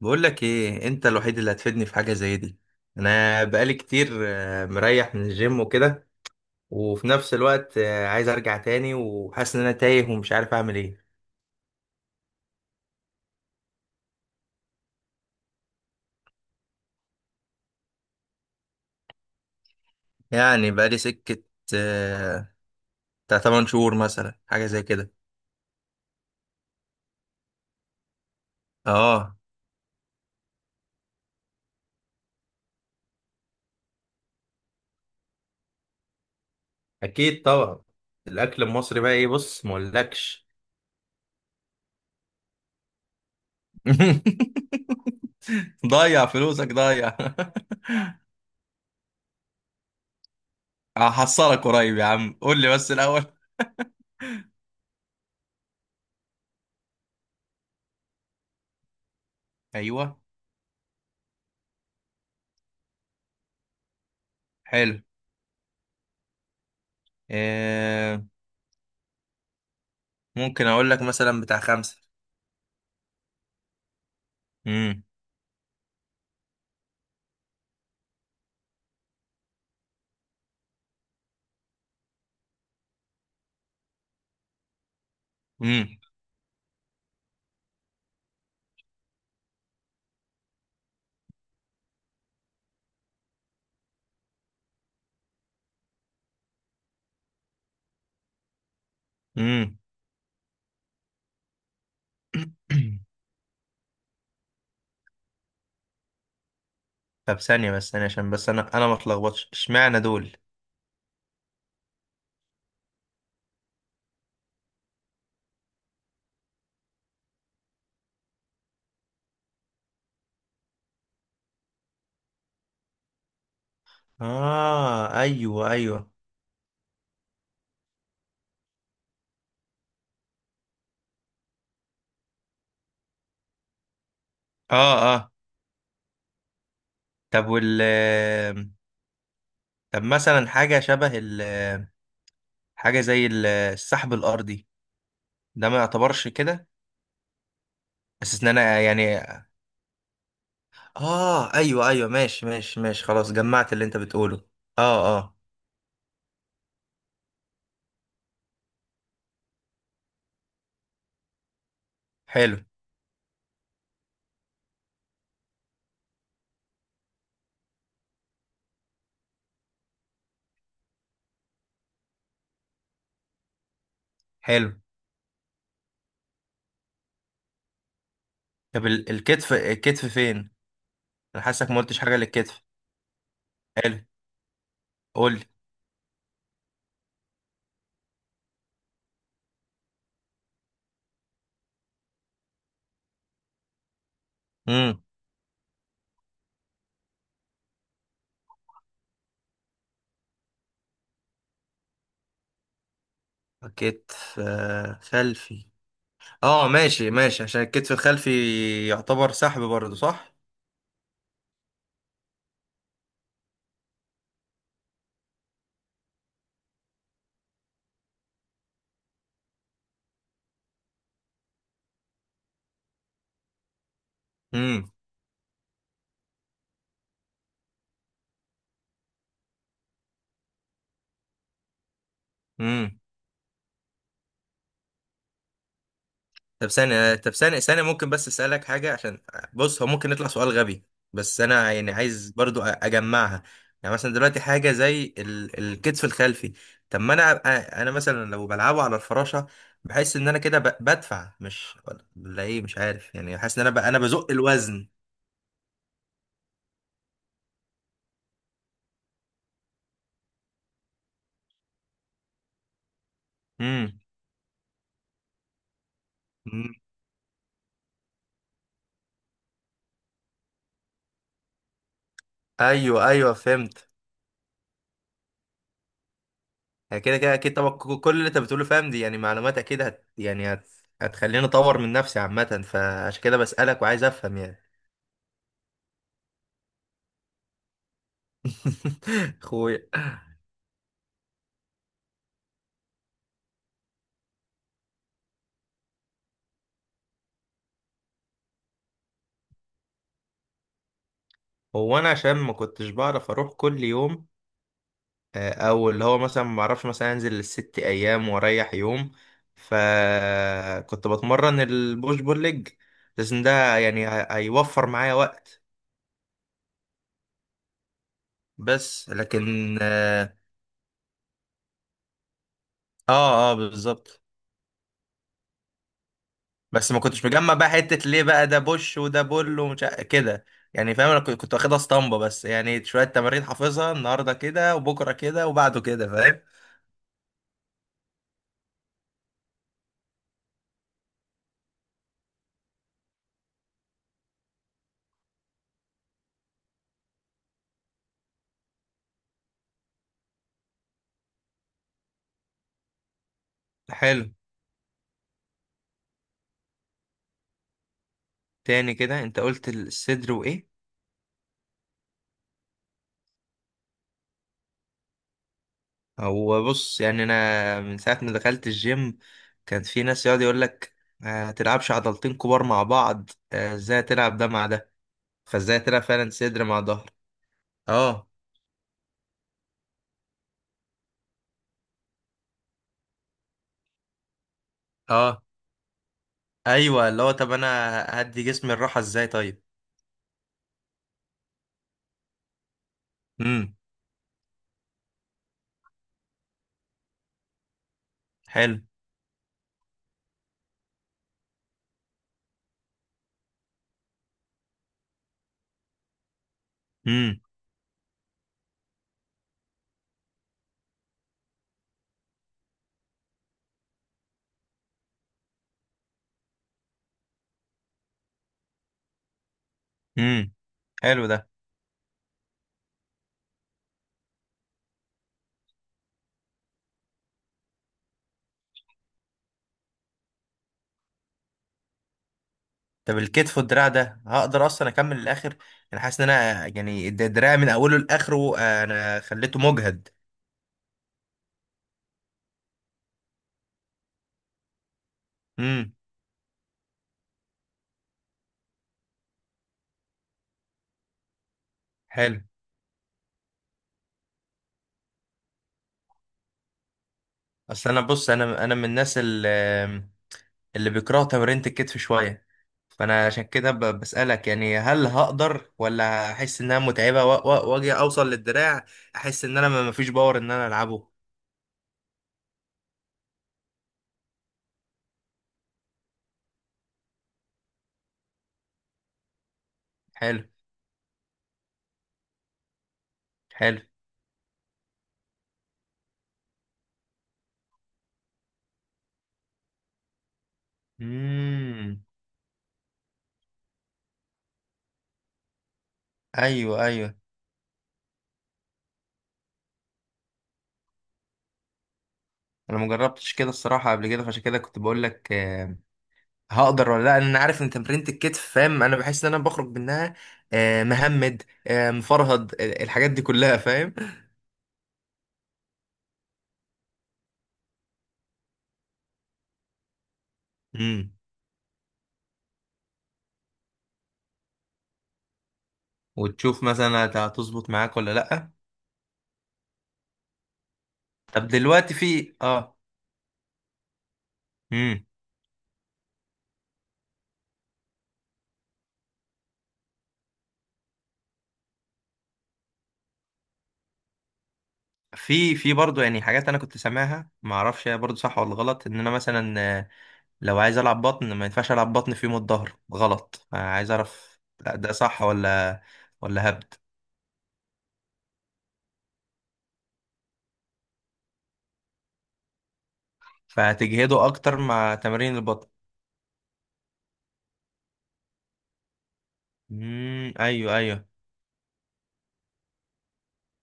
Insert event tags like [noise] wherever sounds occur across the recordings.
بقول لك ايه انت الوحيد اللي هتفيدني في حاجه زي دي. انا بقالي كتير مريح من الجيم وكده. وفي نفس الوقت عايز ارجع تاني وحاسس ان انا تايه ومش عارف اعمل ايه. يعني بقالي سكه آه، بتاع 8 شهور مثلا، حاجه زي كده. اه، اكيد طبعا. الاكل المصري بقى ايه؟ بص، ما اقولكش. [laughs] ضيع فلوسك ضيع. [laughs] هحصلك قريب يا عم، قول لي بس الاول. ايوه. حلو. آه، ممكن اقول لك مثلا بتاع خمسة. امم. امم. امم. [clears throat] طب ثانية بس ثانية، عشان بس انا ما اتلخبطش. اشمعنى دول؟ اه، ايوه ايوه. اه اه. طب وال، طب مثلا حاجة شبه ال، حاجة زي السحب الأرضي، ده ما يعتبرش كده؟ بس ان انا يعني، اه ايوه ايوه، ماشي ماشي ماشي، خلاص جمعت اللي انت بتقوله. اه اه. حلو. حلو. طب الكتف فين؟ انا حاسك ما قلتش حاجة للكتف. حلو. قول. امم. كتف خلفي. اه، ماشي ماشي، عشان الكتف الخلفي يعتبر سحب برضه، صح؟ امم. امم. طب ثانية، ممكن بس اسألك حاجة، عشان بص، هو ممكن يطلع سؤال غبي، بس انا يعني عايز برضو اجمعها. يعني مثلا دلوقتي حاجة زي الكتف الخلفي، طب ما انا انا مثلا لو بلعبه على الفراشة بحس ان انا كده بدفع، مش، ولا ايه؟ مش عارف، يعني حاسس ان انا انا بزق الوزن. امم. امم. ايوه ايوه فهمت. يعني كده كده اكيد طبعا، كل اللي انت بتقوله فاهم. دي يعني معلومات اكيد هتخليني اطور من نفسي عامه، فعشان كده بسالك وعايز افهم يعني. [laughs] اخويا. هو انا عشان ما كنتش بعرف اروح كل يوم، او اللي هو مثلا ما بعرفش مثلا انزل الست ايام واريح يوم، فكنت بتمرن البوش بول ليج. لازم ده يعني هيوفر معايا وقت. بس لكن، اه، اه، آه بالظبط. بس ما كنتش مجمع بقى حتة ليه بقى ده بوش وده بول ومش كده. يعني فاهم، انا كنت واخدها اسطمبة بس، يعني شوية تمارين حافظها النهاردة كده وبكرة كده وبعده كده، فاهم. حلو. تاني كده انت قلت الصدر وايه؟ هو بص، يعني انا من ساعة ما دخلت الجيم كان في ناس يقعد يقول لك ما تلعبش عضلتين كبار مع بعض، ازاي تلعب ده مع ده؟ فازاي تلعب فعلا صدر مع ظهر؟ اه. اه، ايوه، اللي هو طب انا هدي جسمي الراحة ازاي؟ طيب. امم. حلو. مم. امم. حلو ده. طب الكتف والدراع ده هقدر اصلا اكمل للاخر؟ انا حاسس ان انا يعني الدراع من اوله لاخره انا خليته مجهد. امم. حلو. اصل انا بص، انا من الناس اللي بيكرهوا تمرينة الكتف شويه، فانا عشان كده بسالك، يعني هل هقدر ولا احس انها متعبه واجي اوصل للدراع؟ احس ان انا ما فيش باور ان انا العبه. حلو حلو. امم. ايوه ايوه. انا مجربتش كده الصراحه قبل كده، فعشان كده كنت بقول لك هقدر ولا لا، لأن انا عارف ان تمرينة الكتف فاهم، انا بحس ان انا بخرج منها مهمد، مفرهد، الحاجات دي كلها، فاهم. امم. وتشوف مثلا هتظبط معاك ولا لا. طب دلوقتي في، اه، امم، في برضه يعني حاجات انا كنت سامعها، ما اعرفش هي برضه صح ولا غلط، ان انا مثلا لو عايز العب بطن، ما ينفعش العب بطن في يوم الظهر، غلط؟ عايز اعرف، لا ده صح ولا، ولا هبد، فهتجهده اكتر مع تمارين البطن. امم، ايوه ايوه.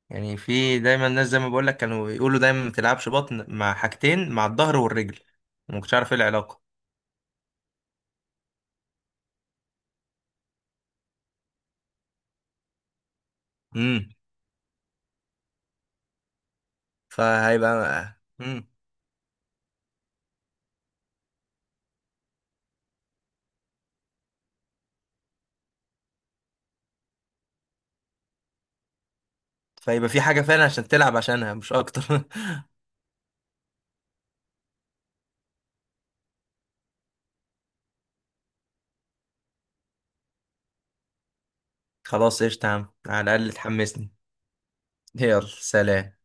يعني في دايما الناس زي ما بقول لك كانوا يقولوا دايما ما تلعبش بطن مع حاجتين، مع الظهر والرجل، وما كنتش عارف ايه العلاقه. امم. فهيبقى. امم. فيبقى في حاجه فعلا عشان تلعب عشانها، مش اكتر. [laughs] خلاص قشطة يا عم، على الاقل تحمسني. يلا، سلام.